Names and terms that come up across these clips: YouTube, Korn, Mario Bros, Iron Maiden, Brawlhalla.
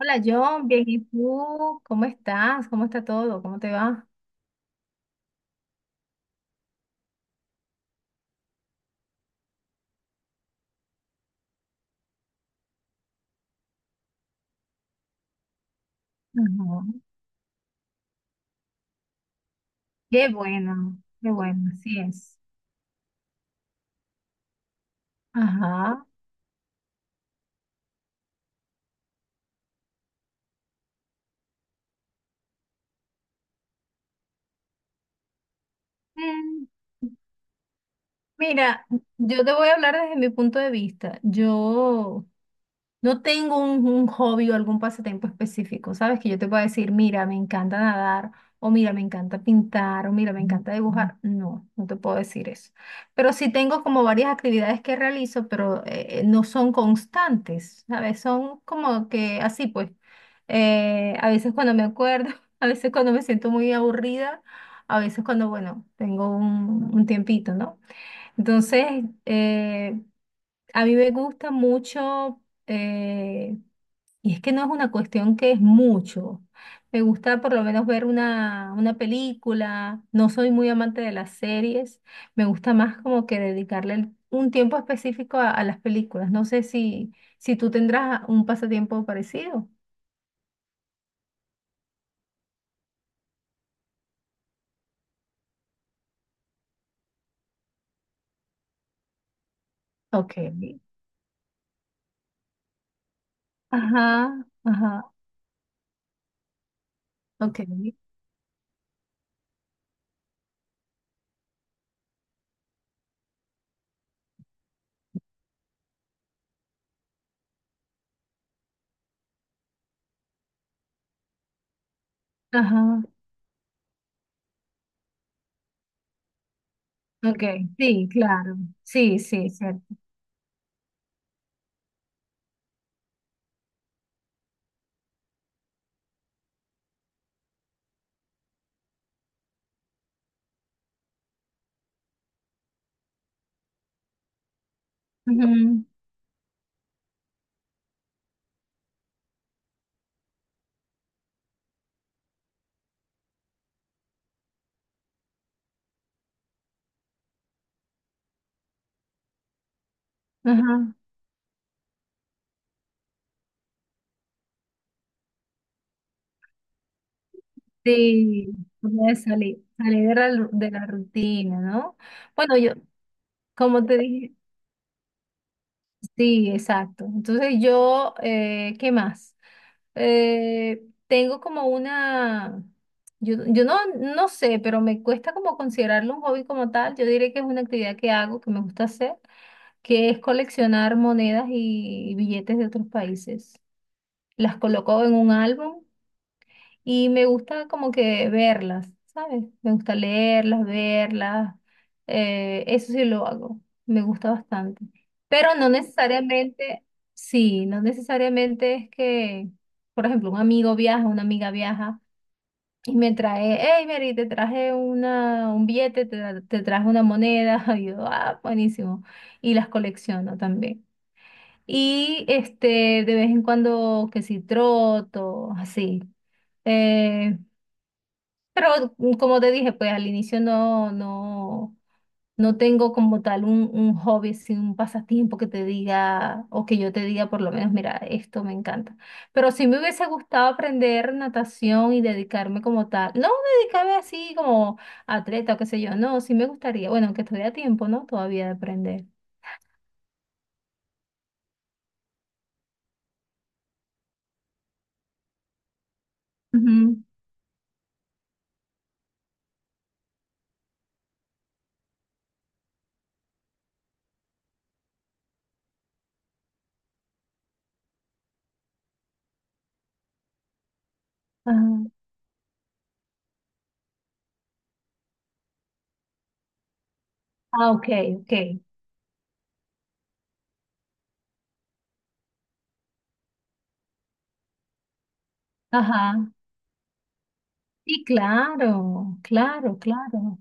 Hola John, bien, ¿y tú? ¿Cómo estás? ¿Cómo está todo? ¿Cómo te va? Ajá. Qué bueno, así es. Ajá. Mm, Mira, yo te voy a hablar desde mi punto de vista. Yo no tengo un hobby o algún pasatiempo específico, ¿sabes? Que yo te pueda decir, mira, me encanta nadar, o mira, me encanta pintar, o mira, me encanta dibujar. No, no te puedo decir eso. Pero sí tengo como varias actividades que realizo, pero no son constantes, ¿sabes? Son como que así, pues. A veces cuando me acuerdo, a veces cuando me siento muy aburrida, a veces cuando, bueno, tengo un tiempito, ¿no? Entonces, a mí me gusta mucho, eh, y es que no es una cuestión que es mucho. Me gusta por lo menos ver una película. No soy muy amante de las series. Me gusta más como que dedicarle un tiempo específico a las películas. No sé si, si tú tendrás un pasatiempo parecido. Ok. Ajá, ajá, ok. Ajá, ok. Sí, claro. Sí, sí, cierto. Ujú, ajá. Sí, una vez salí de la, de la rutina, ¿no? Bueno, yo, como te dije, sí, exacto. Entonces yo, ¿qué más? Tengo como una, yo no, no sé, pero me cuesta como considerarlo un hobby como tal. Yo diré que es una actividad que hago, que me gusta hacer, que es coleccionar monedas y billetes de otros países. Las coloco en un álbum y me gusta como que verlas, ¿sabes? Me gusta leerlas, verlas. Eso sí lo hago. Me gusta bastante. Pero no necesariamente, sí, no necesariamente es que, por ejemplo, un amigo viaja, una amiga viaja y me trae, hey, Mary, te traje un billete, te traje una moneda. Y yo, ah, buenísimo. Y las colecciono también. Y este, de vez en cuando, que si troto, así. Eh, pero como te dije, pues al inicio no tengo como tal un hobby, así, un pasatiempo que te diga, o que yo te diga por lo menos, mira, esto me encanta. Pero sí me hubiese gustado aprender natación y dedicarme como tal. No dedicarme así como atleta o qué sé yo, no, sí me gustaría. Bueno, aunque estoy a tiempo, ¿no? Todavía de aprender. Ujú, ajá. Ah, ok, ok. Ajá. Sí, claro, claro, claro.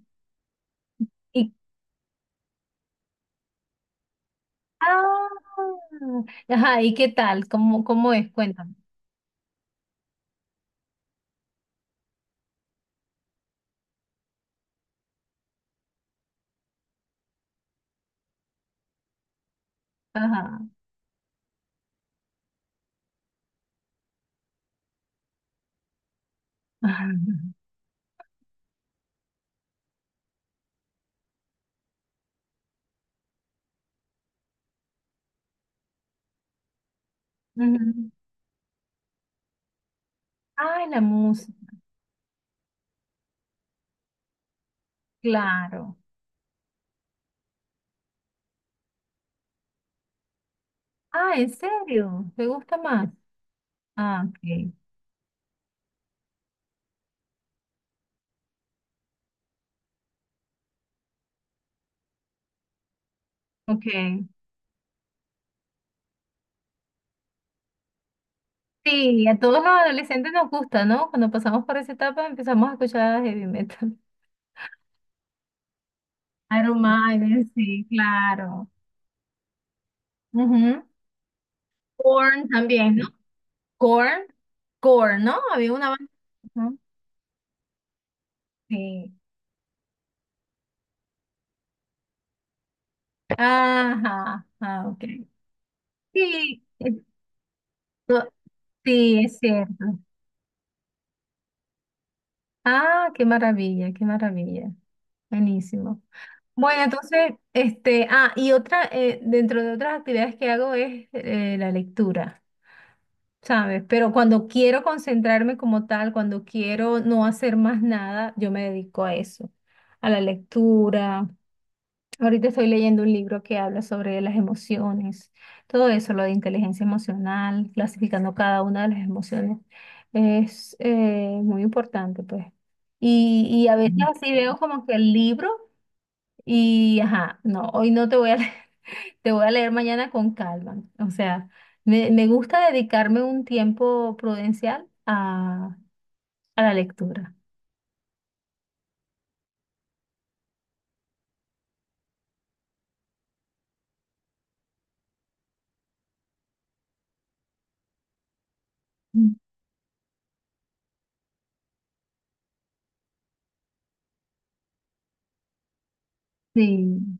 Y ah, ajá, ¿y qué tal? ¿Cómo, cómo es? Cuéntame. Ajá. Ajá. Ujú. Ay, la música, claro. Ah, ¿en serio? ¿Te gusta más? Ah, ok, ok. Sí, a todos los adolescentes nos gusta, ¿no? Cuando pasamos por esa etapa empezamos a escuchar heavy metal. Iron Maiden, sí, claro. Ujú. Korn también, ¿no? Korn, Korn, ¿no? Había una banda. ¿No? Sí. Ajá, ah, ok. Sí, no, sí, es cierto. Ah, qué maravilla, qué maravilla. Buenísimo. Bueno, entonces, este, ah, y otra, dentro de otras actividades que hago es la lectura, ¿sabes? Pero cuando quiero concentrarme como tal, cuando quiero no hacer más nada, yo me dedico a eso, a la lectura. Ahorita estoy leyendo un libro que habla sobre las emociones, todo eso, lo de inteligencia emocional, clasificando cada una de las emociones, es muy importante, pues. Y a veces así veo como que el libro y, ajá, no, hoy no te voy a leer, te voy a leer mañana con calma. O sea, me gusta dedicarme un tiempo prudencial a la lectura. Mm. Sí,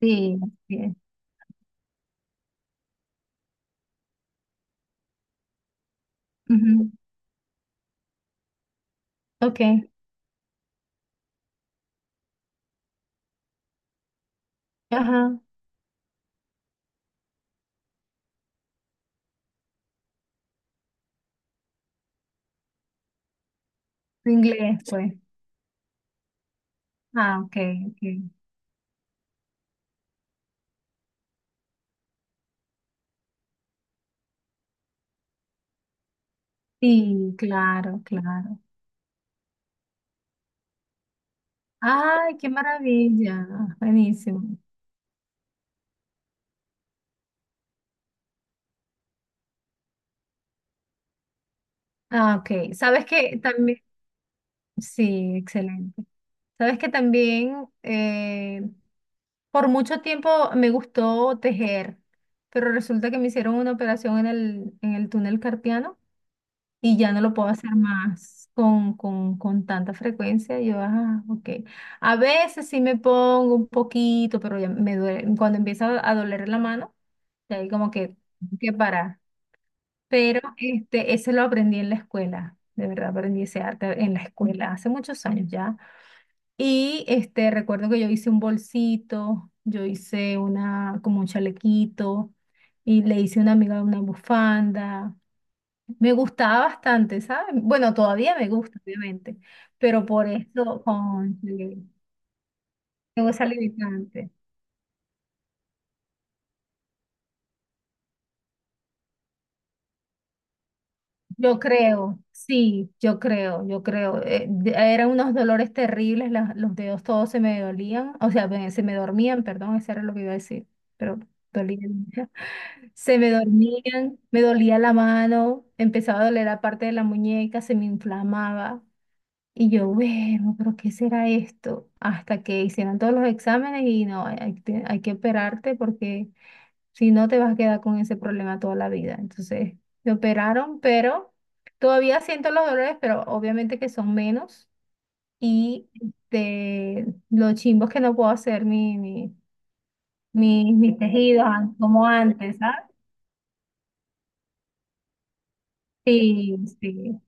sí, sí. Ujú. Ok, ajá, inglés, pues. Ah, ok, ok. Sí, claro, claro. Ay, qué maravilla. Buenísimo. Ah, ok. Sabes que también, sí, excelente. Sabes que también por mucho tiempo me gustó tejer, pero resulta que me hicieron una operación en el túnel carpiano y ya no lo puedo hacer más con, con tanta frecuencia. Yo, ah, ok. A veces sí me pongo un poquito, pero ya me duele. Cuando empieza a doler la mano. Y ahí como que parar. Pero este, ese lo aprendí en la escuela. De verdad aprendí ese arte en la escuela hace muchos años ya. Y este, recuerdo que yo hice un bolsito, yo hice una, como un chalequito, y le hice a una amiga una bufanda. Me gustaba bastante, ¿sabes? Bueno, todavía me gusta, obviamente, pero por eso, cónchale, tengo esa limitante. Yo creo, sí, yo creo, yo creo. Eran unos dolores terribles, los dedos todos se me dolían, o sea, se me dormían, perdón, eso era lo que iba a decir, pero dolían. Se me dormían, me dolía la mano, empezaba a doler la parte de la muñeca, se me inflamaba. Y yo, bueno, pero ¿qué será esto? Hasta que hicieron todos los exámenes y no, hay, hay que operarte porque si no, te vas a quedar con ese problema toda la vida. Entonces, me operaron, pero todavía siento los dolores, pero obviamente que son menos. Y de los chimbos que no puedo hacer mis tejidos como antes, ¿sabes? Sí, sí.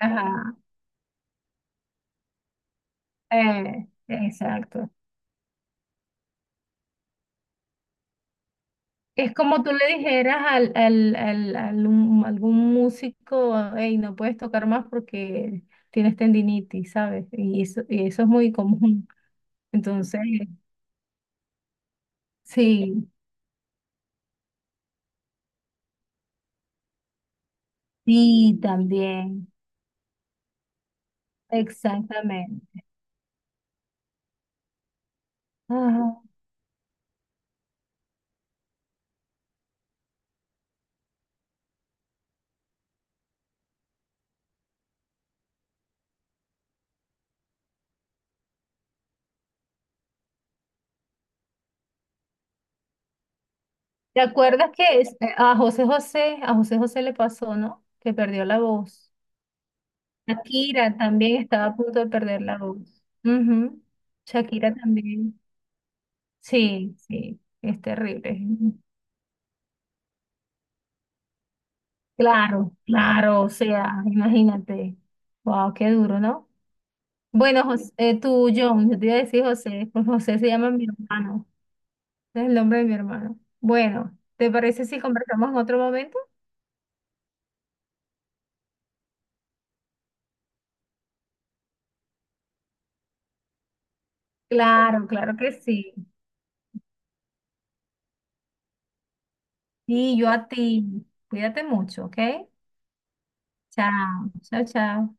Ajá. Exacto. Es como tú le dijeras al algún músico, hey, no puedes tocar más porque tienes tendinitis, ¿sabes? Y eso es muy común. Entonces, sí, sí, también, exactamente. Ajá. ¿Te acuerdas que a José José le pasó, ¿no? Que perdió la voz. Shakira también estaba a punto de perder la voz. Ujú. Shakira también. Sí, sí, es terrible. Claro, claro, o sea, imagínate. Wow, qué duro, ¿no? Bueno, José, tú, John, yo te iba a decir José, pues José se llama mi hermano. Es el nombre de mi hermano. Bueno, ¿te parece si conversamos en otro momento? Claro, claro que sí. Y yo a ti. Cuídate mucho, ¿ok? Chao, chao, chao.